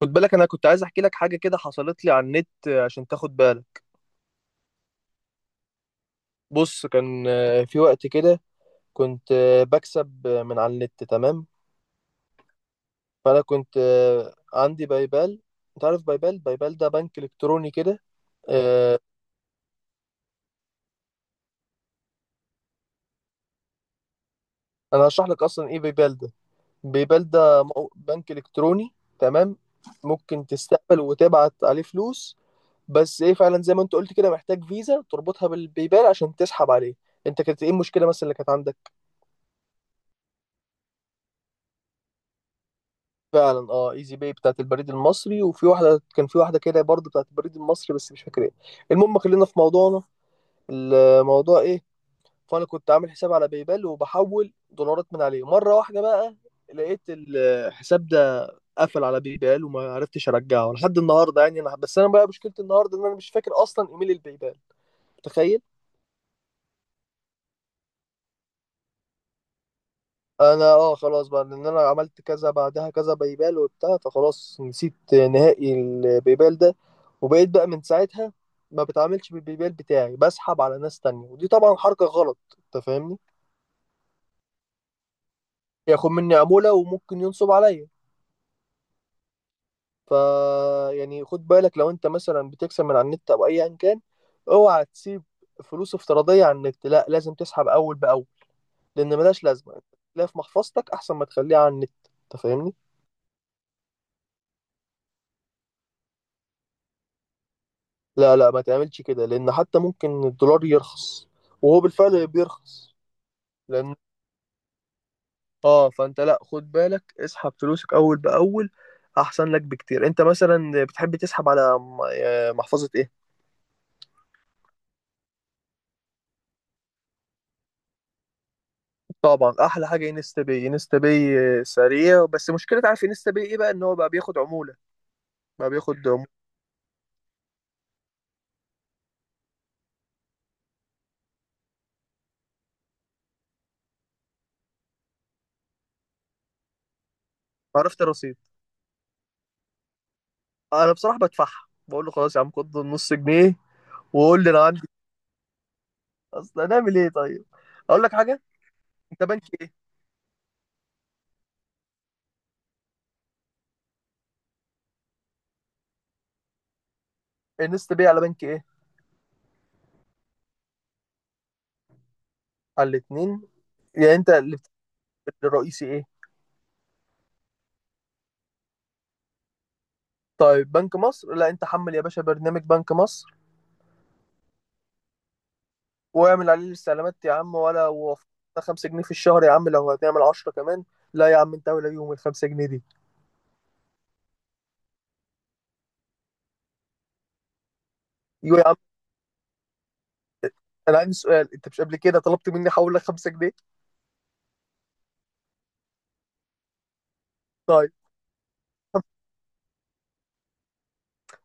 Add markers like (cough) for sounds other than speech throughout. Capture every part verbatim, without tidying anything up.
خد بالك انا كنت عايز احكي لك حاجه كده حصلت لي على النت آه، عشان تاخد بالك. بص كان آه، في وقت كده كنت آه، بكسب آه، من على النت. تمام. فانا كنت آه، عندي بايبال. انت عارف بايبال، بايبال ده بنك الكتروني كده. آه، انا هشرح لك اصلا ايه بايبال ده. بايبال ده مو- بنك الكتروني. تمام. ممكن تستقبل وتبعت عليه فلوس. بس ايه فعلا زي ما انت قلت كده محتاج فيزا تربطها بالبايبال عشان تسحب عليه. انت كانت ايه المشكله مثلا اللي كانت عندك؟ فعلا اه، ايزي باي بتاعت البريد المصري، وفي واحده كان في واحده كده برضه بتاعت البريد المصري بس مش فاكر ايه. المهم خلينا في موضوعنا. الموضوع ايه؟ فانا كنت عامل حساب على بايبال وبحول دولارات من عليه. مره واحده بقى لقيت الحساب ده قفل على بايبال، وما عرفتش ارجعه لحد النهارده. يعني انا بس انا بقى مشكلتي النهارده ان انا مش فاكر اصلا ايميل البايبال، تخيل. انا اه خلاص بقى، لان انا عملت كذا بعدها كذا بيبال وبتاع، فخلاص نسيت نهائي البيبال ده. وبقيت بقى من ساعتها ما بتعاملش بالبيبال بتاعي، بسحب على ناس تانية، ودي طبعا حركة غلط، انت فاهمني. ياخد مني عمولة وممكن ينصب عليا. ف يعني خد بالك لو انت مثلا بتكسب من على النت او ايا كان، اوعى تسيب فلوس افتراضية على النت، لا لازم تسحب اول باول، لان ملهاش لازمة. تلاقيها في محفظتك احسن ما تخليها على النت، انت فاهمني. لا لا، ما تعملش كده، لان حتى ممكن الدولار يرخص، وهو بالفعل بيرخص. لان اه، فانت لا خد بالك، اسحب فلوسك اول باول، احسن لك بكتير. انت مثلا بتحب تسحب على م- آه، محفظة ايه؟ طبعا احلى حاجة انستا باي. انستا باي آه، سريع بس مشكلة، عارف انستا باي ايه بقى؟ ان هو بقى بياخد عمولة. بقى بياخد عمولة عرفت الرصيد. انا بصراحة بدفعها، بقول له خلاص يا عم خد نص جنيه وقول لي انا عندي. اصل هنعمل ايه طيب؟ اقول لك حاجة. انت بنك ايه؟ انستا باي على بنك ايه؟ على الاتنين. يعني انت اللي بت- الرئيسي ايه؟ طيب بنك مصر، لا انت حمل يا باشا برنامج بنك مصر، واعمل عليه الاستعلامات يا عم ولا وفقنا. خمسة جنيه في الشهر يا عم، لو هتعمل عشرة كمان. لا يا عم، انت ولا يوم ال خمسة جنيه دي. ايوه يا عم. انا عندي سؤال، انت مش قبل كده طلبت مني احول لك خمسة جنيه؟ طيب،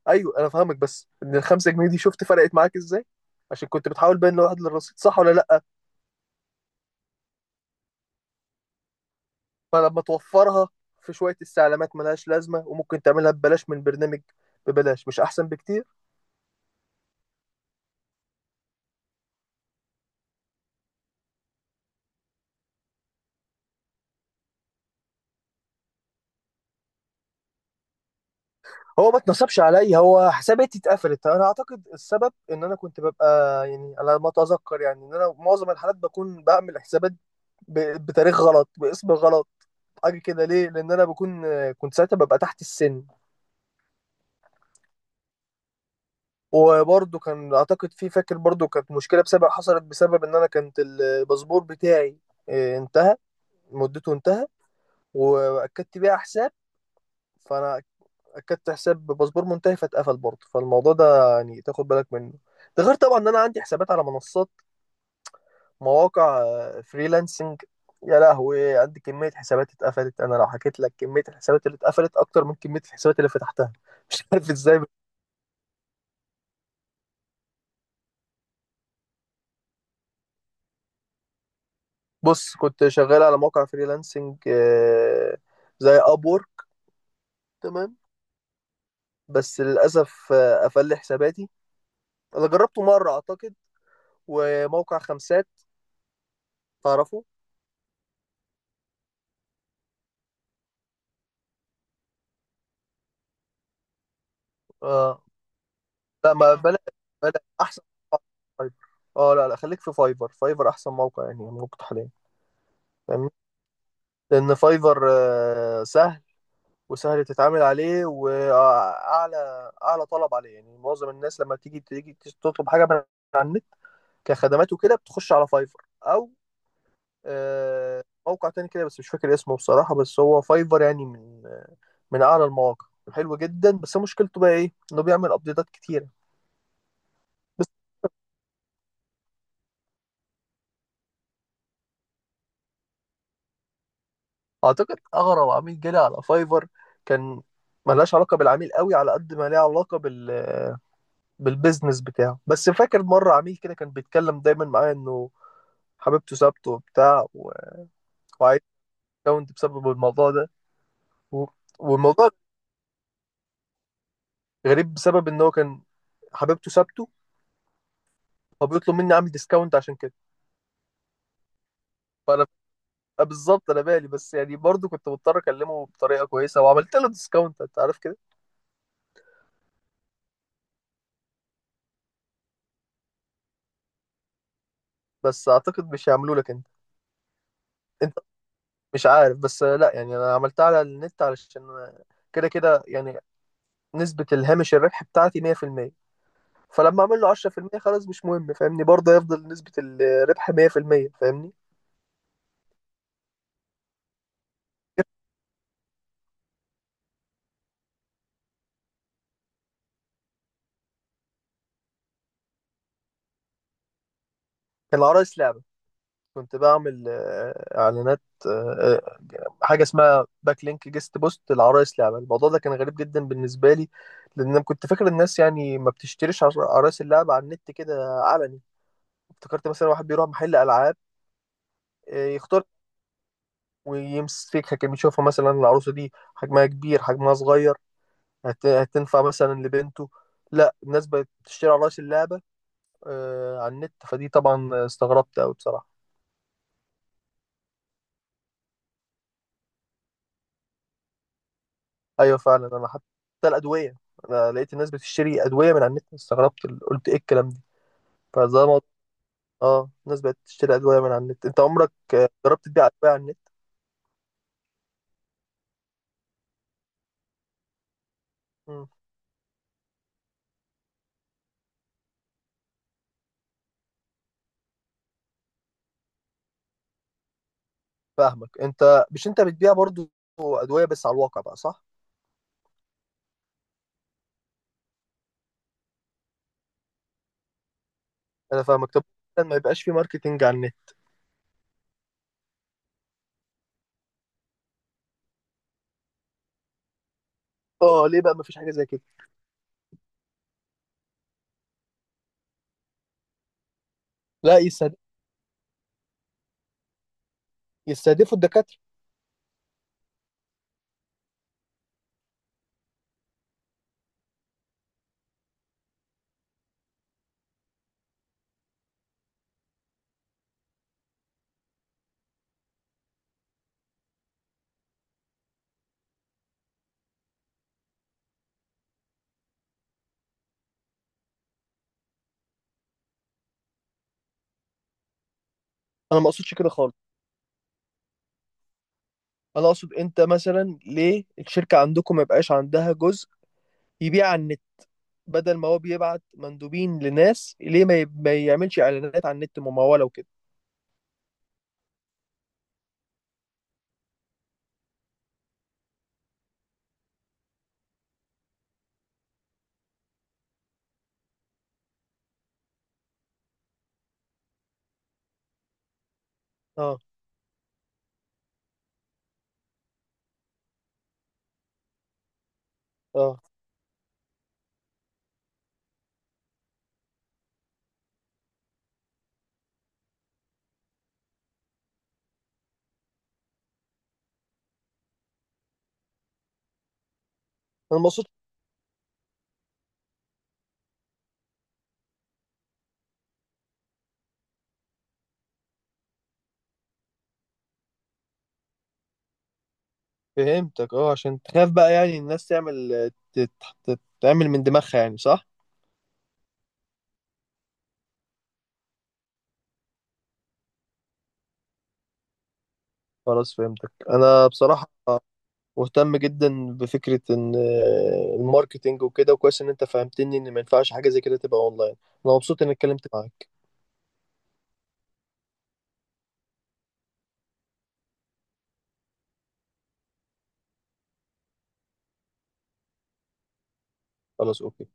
ايوه انا فاهمك، بس ان ال خمسة جنيه دي شفت فرقت معاك ازاي؟ عشان كنت بتحاول بين الواحد للرصيد، صح ولا لا؟ فلما توفرها في شويه استعلامات ملهاش لازمه وممكن تعملها ببلاش من برنامج ببلاش، مش احسن بكتير؟ هو ما اتنصبش عليا، هو حساباتي اتقفلت. انا اعتقد السبب ان انا كنت ببقى، يعني على ما اتذكر، يعني ان انا معظم الحالات بكون بعمل حسابات ب- بتاريخ غلط، باسم غلط، حاجه كده. ليه؟ لان انا بكون كنت ساعتها ببقى تحت السن. وبرضه كان اعتقد في، فاكر برضه كانت مشكله بسبب، حصلت بسبب ان انا كانت الباسبور بتاعي آه، انتهى مدته، انتهى، واكدت بيها حساب. فانا اكدت حساب باسبور منتهي فاتقفل برضه. فالموضوع ده يعني تاخد بالك منه. ده غير طبعا ان انا عندي حسابات على منصات، مواقع آه، فريلانسنج. يا لهوي، عندي كمية حسابات اتقفلت. انا لو حكيت لك كمية الحسابات اللي اتقفلت اكتر من كمية الحسابات اللي فتحتها. (laughs) مش عارف ازاي. بص، كنت شغال على موقع فريلانسنج آه، زي ابور. تمام. بس للاسف آه، قفل لي حساباتي. انا جربته مرة اعتقد، وموقع خمسات، تعرفه؟ آه. لا، ما بلاش، بلاش احسن. موقع فايفر، اه لا لا خليك في فايفر، فايفر احسن موقع يعني موجود حاليا، فاهمني. لان فايفر آه، سهل، وسهل تتعامل عليه، واعلى اعلى طلب عليه. يعني معظم الناس لما تيجي تيجي تطلب حاجه من على النت كخدمات وكده بتخش على فايفر او آه، موقع تاني كده بس مش فاكر اسمه بصراحه. بس هو فايفر يعني من من اعلى المواقع، حلو جدا. بس مشكلته بقى ايه؟ انه بيعمل ابديتات كتيره. اعتقد اغرب عميل جالي على فايفر كان، ملهاش علاقه بالعميل قوي على قد ما ليها علاقه بال، بالبيزنس بتاعه. بس فاكر مره عميل كده كان بيتكلم دايما معايا انه حبيبته سابته وبتاع و- وعايز اكونت بسبب الموضوع ده و- والموضوع غريب، بسبب ان هو كان حبيبته سابته فبيطلب مني اعمل ديسكاونت عشان كده. فانا آه، بالظبط انا بالي، بس يعني برضو كنت مضطر اكلمه بطريقه كويسه وعملت له ديسكاونت، انت عارف كده. بس اعتقد مش هيعملوا لك. انت مش عارف، بس لا يعني انا عملتها على النت علشان كده كده يعني نسبة الهامش الربح بتاعتي مية في المية، فلما اعمل له عشرة في المية خلاص مش مهم، فاهمني، برضه هيفضل نسبة الربح مية في المية، فاهمني. كان العرايس لعبة، كنت بعمل آه، اعلانات، آه، آه، حاجة اسمها باك لينك جيست بوست العرايس لعبة. الموضوع ده كان غريب جدا بالنسبة لي، لان انا كنت فاكر الناس يعني ما بتشتريش عر- عرايس اللعبة على النت كده علني. افتكرت مثلا واحد بيروح محل العاب آه، يختار ويمسكها، كان بيشوفها مثلا العروسة دي حجمها كبير حجمها صغير، هت- هتنفع مثلا لبنته. لا، الناس بقت تشتري عرايس اللعبة آه على النت، فدي طبعا استغربت أوي بصراحة. أيوة فعلا، أنا حتى الأدوية، أنا لقيت الناس بتشتري أدوية من على النت، استغربت قلت إيه الكلام ده. فزي ما، اه الناس بقت تشتري أدوية من على النت. أنت عمرك آه، جربت تبيع أدوية على النت؟ مم. فاهمك، أنت مش أنت بتبيع برضو أدوية بس على الواقع بقى، صح؟ أنا فاهمك، طب ما يبقاش في ماركتينج على النت. اه ليه بقى ما فيش حاجة زي كده؟ لا يستهد... يستهدفوا الدكاترة. انا ما اقصدش كده خالص. انا اقصد انت مثلا ليه الشركة عندكم ما يبقاش عندها جزء يبيع على النت؟ بدل ما هو بيبعت مندوبين لناس، ليه ما, ي... ما يعملش اعلانات على النت ممولة وكده؟ اه. اه انا ما اقصدش. فهمتك، اه عشان تخاف بقى يعني الناس تعمل تت... تت... تعمل من دماغها يعني، صح. خلاص فهمتك، انا بصراحة مهتم جدا بفكرة ان آه، الماركتينج وكده، وكويس ان انت فهمتني ان ما ينفعش حاجة زي كده تبقى اونلاين. انا مبسوط اني اتكلمت معاك. خلاص اوكي.